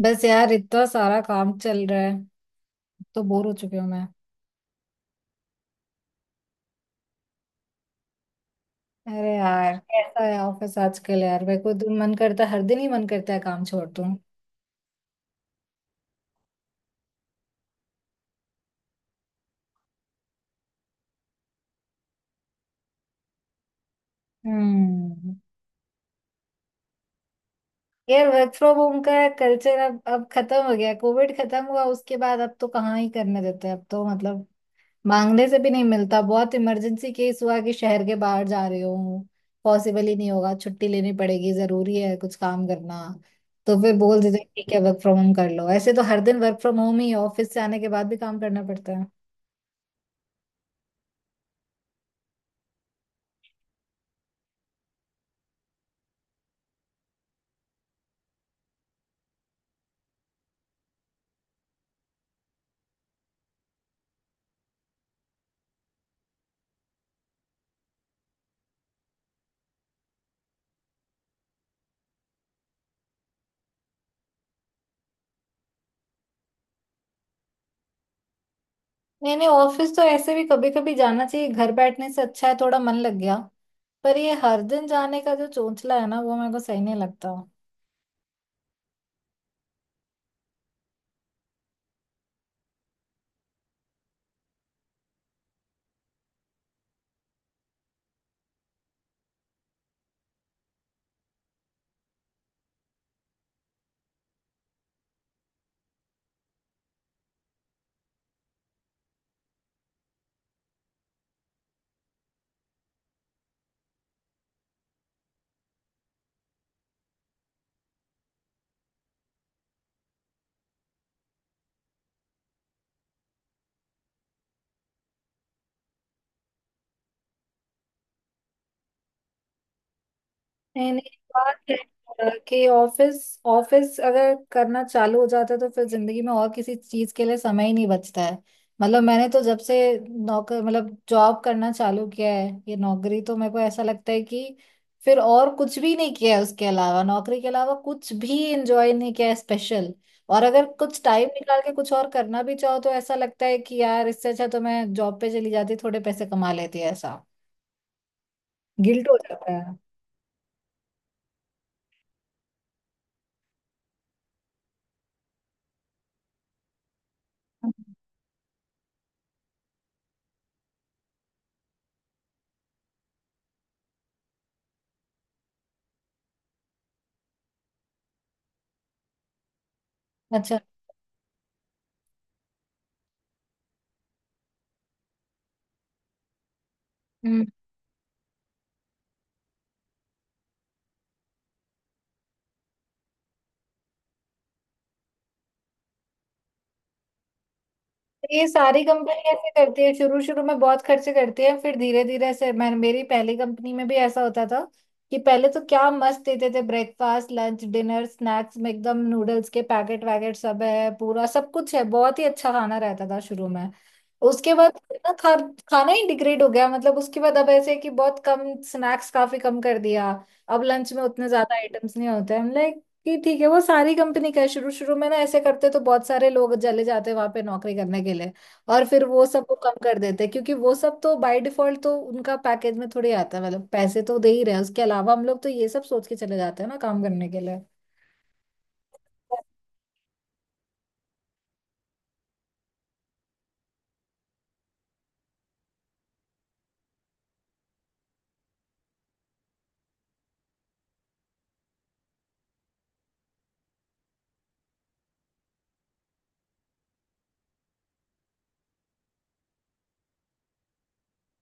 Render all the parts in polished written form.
बस यार इतना सारा काम चल रहा है तो बोर हो चुकी हूँ मैं। अरे यार कैसा है ऑफिस आजकल। यार मेरे को दिन मन करता है हर दिन ही मन करता है काम छोड़ दूं। हम्म। यार वर्क फ्रॉम होम का कल्चर अब खत्म हो गया। कोविड खत्म हुआ उसके बाद अब तो कहाँ ही करने देते हैं। अब तो मतलब मांगने से भी नहीं मिलता। बहुत इमरजेंसी केस हुआ कि शहर के बाहर जा रहे हो पॉसिबल ही नहीं होगा छुट्टी लेनी पड़ेगी जरूरी है कुछ काम करना तो फिर बोल देते हैं, ठीक है वर्क फ्रॉम होम कर लो। ऐसे तो हर दिन वर्क फ्रॉम होम ही ऑफिस से आने के बाद भी काम करना पड़ता है। नहीं नहीं ऑफिस तो ऐसे भी कभी कभी जाना चाहिए, घर बैठने से अच्छा है थोड़ा मन लग गया। पर ये हर दिन जाने का जो चोंचला है ना वो मेरे को सही नहीं लगता। नहीं नहीं बात है। कि ऑफिस ऑफिस अगर करना चालू हो जाता है तो फिर जिंदगी में और किसी चीज के लिए समय ही नहीं बचता है। मतलब मैंने तो जब से नौकर मतलब जॉब करना चालू किया है ये नौकरी, तो मेरे को ऐसा लगता है कि फिर और कुछ भी नहीं किया है उसके अलावा, नौकरी के अलावा कुछ भी एंजॉय नहीं किया है स्पेशल। और अगर कुछ टाइम निकाल के कुछ और करना भी चाहो तो ऐसा लगता है कि यार इससे अच्छा तो मैं जॉब पे चली जाती थोड़े पैसे कमा लेती, ऐसा गिल्ट हो जाता है। अच्छा। हम्म। तो ये सारी कंपनी ऐसे करती है, शुरू शुरू में बहुत खर्चे करती है फिर धीरे धीरे ऐसे। मैं मेरी पहली कंपनी में भी ऐसा होता था कि पहले तो क्या मस्त देते थे ब्रेकफास्ट लंच डिनर स्नैक्स में एकदम, नूडल्स के पैकेट वैकेट सब है, पूरा सब कुछ है, बहुत ही अच्छा खाना रहता था शुरू में। उसके बाद ना खा, खाना ही डिग्रेड हो गया, मतलब उसके बाद अब ऐसे है कि बहुत कम स्नैक्स, काफी कम कर दिया। अब लंच में उतने ज्यादा आइटम्स नहीं होते हैं। ये ठीक है, वो सारी कंपनी का है। शुरू शुरू में ना ऐसे करते तो बहुत सारे लोग चले जाते वहां पे नौकरी करने के लिए, और फिर वो सब को कम कर देते क्योंकि वो सब तो बाय डिफॉल्ट तो उनका पैकेज में थोड़ी आता है। मतलब पैसे तो दे ही रहे हैं, उसके अलावा हम लोग तो ये सब सोच के चले जाते हैं ना काम करने के लिए।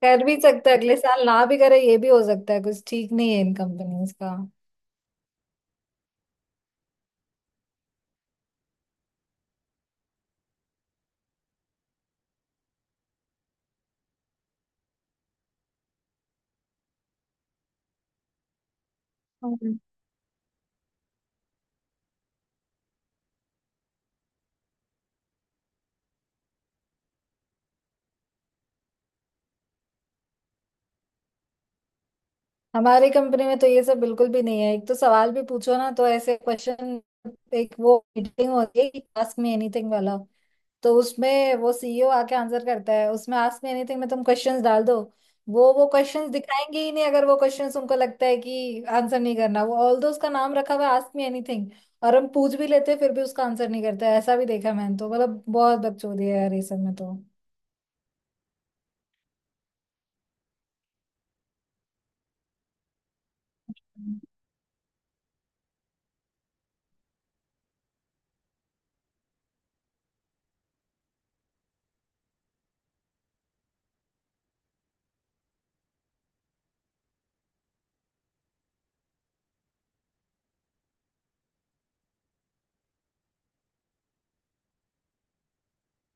कर भी सकते हैं, अगले साल ना भी करे ये भी हो सकता है, कुछ ठीक नहीं है इन कंपनीज का। हमारी कंपनी में तो ये सब बिल्कुल भी नहीं है। एक तो सवाल भी पूछो ना तो ऐसे क्वेश्चन। एक वो मीटिंग होती है आस्क मी एनीथिंग वाला, तो उसमें वो सीईओ आके आंसर करता है। उसमें आस्क मी एनीथिंग में तुम क्वेश्चंस डाल दो, वो क्वेश्चंस दिखाएंगे ही नहीं अगर वो क्वेश्चंस उनको लगता है कि आंसर नहीं करना। वो ऑल दो, उसका नाम रखा हुआ है आस्क मी एनीथिंग। और हम पूछ भी लेते हैं फिर भी उसका आंसर नहीं करता है, ऐसा भी देखा है मैंने तो। मतलब बहुत बकचोदी है यार ये सब में तो।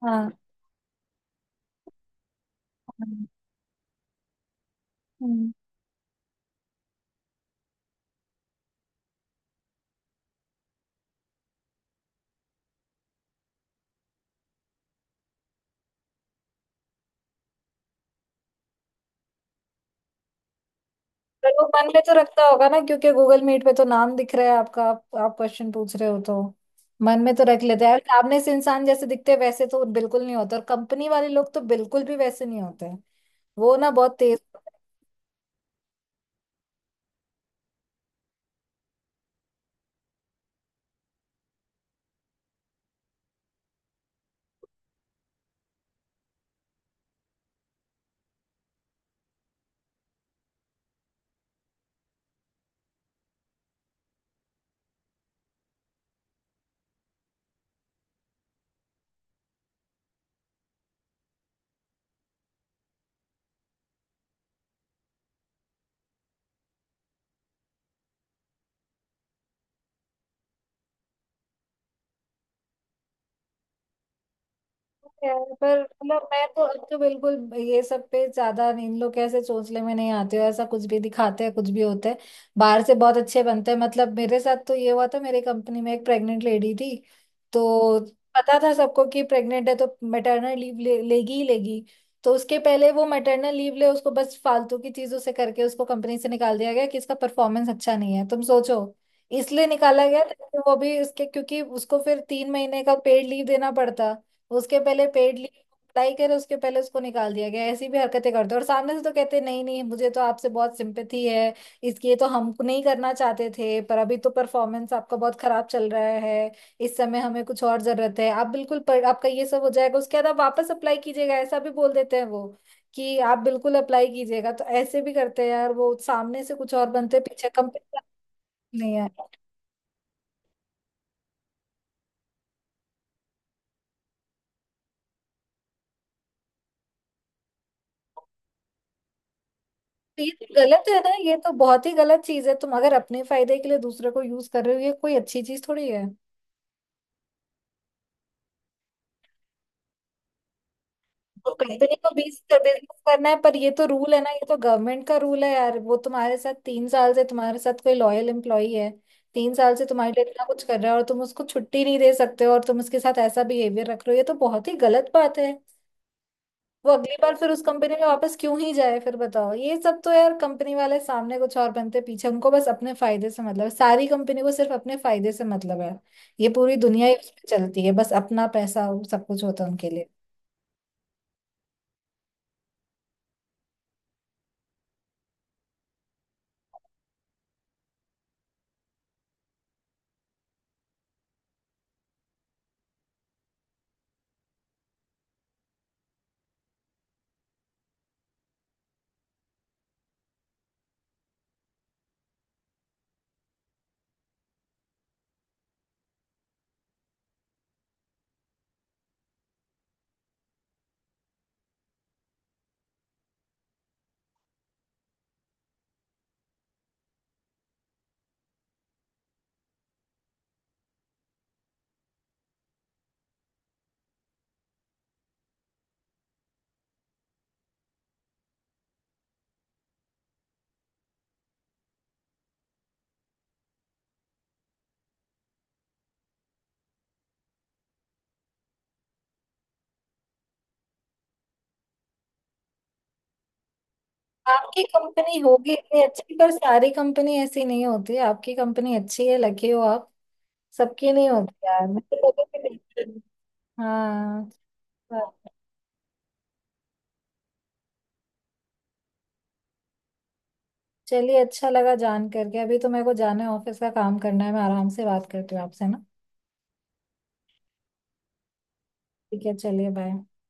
हाँ। हाँ। हम्म। पर वो मन में तो रखता होगा ना, क्योंकि गूगल मीट पे तो नाम दिख रहा है आपका। आप क्वेश्चन पूछ रहे हो तो मन में तो रख लेते हैं यार। सामने से इंसान जैसे दिखते हैं, वैसे तो बिल्कुल नहीं होते, और कंपनी वाले लोग तो बिल्कुल भी वैसे नहीं होते। वो ना बहुत तेज है। पर मतलब मैं तो अब तो बिल्कुल ये सब पे ज्यादा, इन लोग कैसे चोंचले में नहीं आते हो। ऐसा कुछ भी दिखाते हैं कुछ भी होते हैं, बाहर से बहुत अच्छे बनते हैं। मतलब मेरे साथ तो ये हुआ था, मेरी कंपनी में एक प्रेग्नेंट लेडी थी, तो पता था सबको कि प्रेग्नेंट है तो मैटरनल लीव लेगी ही लेगी। तो उसके पहले वो मैटरनल लीव ले, उसको बस फालतू की चीजों से करके उसको कंपनी से निकाल दिया गया कि इसका परफॉर्मेंस अच्छा नहीं है, तुम सोचो। इसलिए निकाला गया ताकि वो भी उसके, क्योंकि उसको फिर तीन महीने का पेड लीव देना पड़ता। उसके पहले पेड लीव अप्लाई करे, उसके पहले उसको निकाल दिया गया। ऐसी भी हरकतें करते हैं। और सामने से तो कहते हैं, नहीं नहीं मुझे तो आपसे बहुत सिंपैथी है, इसलिए तो हम नहीं करना चाहते थे, पर अभी तो परफॉर्मेंस आपका बहुत खराब चल रहा है, इस समय हमें कुछ और जरूरत है। आप बिल्कुल, पर आपका ये सब हो जाएगा उसके बाद आप वापस अप्लाई कीजिएगा, ऐसा भी बोल देते हैं वो, कि आप बिल्कुल अप्लाई कीजिएगा। तो ऐसे भी करते हैं यार, वो सामने से कुछ और बनते हैं, पीछे कंपनी। नहीं ये तो गलत है ना, ये तो बहुत ही गलत चीज है। तुम अगर अपने फायदे के लिए दूसरे को यूज कर रहे हो ये कोई अच्छी चीज थोड़ी है। तो कंपनी को बीस बिजनेस करना है पर ये तो रूल है ना, ये तो गवर्नमेंट का रूल है यार। वो तुम्हारे साथ तीन साल से तुम्हारे साथ कोई लॉयल एम्प्लॉई है, तीन साल से तुम्हारे लिए इतना कुछ कर रहा है, और तुम उसको छुट्टी नहीं दे सकते हो और तुम उसके साथ ऐसा बिहेवियर रख रहे हो, ये तो बहुत ही गलत बात है। वो अगली बार फिर उस कंपनी में वापस क्यों ही जाए फिर बताओ। ये सब तो यार, कंपनी वाले सामने कुछ और बनते पीछे, उनको बस अपने फायदे से मतलब है, सारी कंपनी को सिर्फ अपने फायदे से मतलब है। ये पूरी दुनिया ही उसमें चलती है, बस अपना पैसा वो सब कुछ होता है उनके लिए। आपकी कंपनी होगी इतनी अच्छी पर सारी कंपनी ऐसी नहीं होती। आपकी कंपनी अच्छी है, लकी हो आप। सबकी नहीं होती यार, मैं तो कभी भी नहीं- हाँ। चलिए अच्छा लगा जान करके, अभी तो मेरे को जाना है ऑफिस का काम करना है, मैं आराम से बात करती हूँ आपसे ना। ठीक है चलिए, बाय।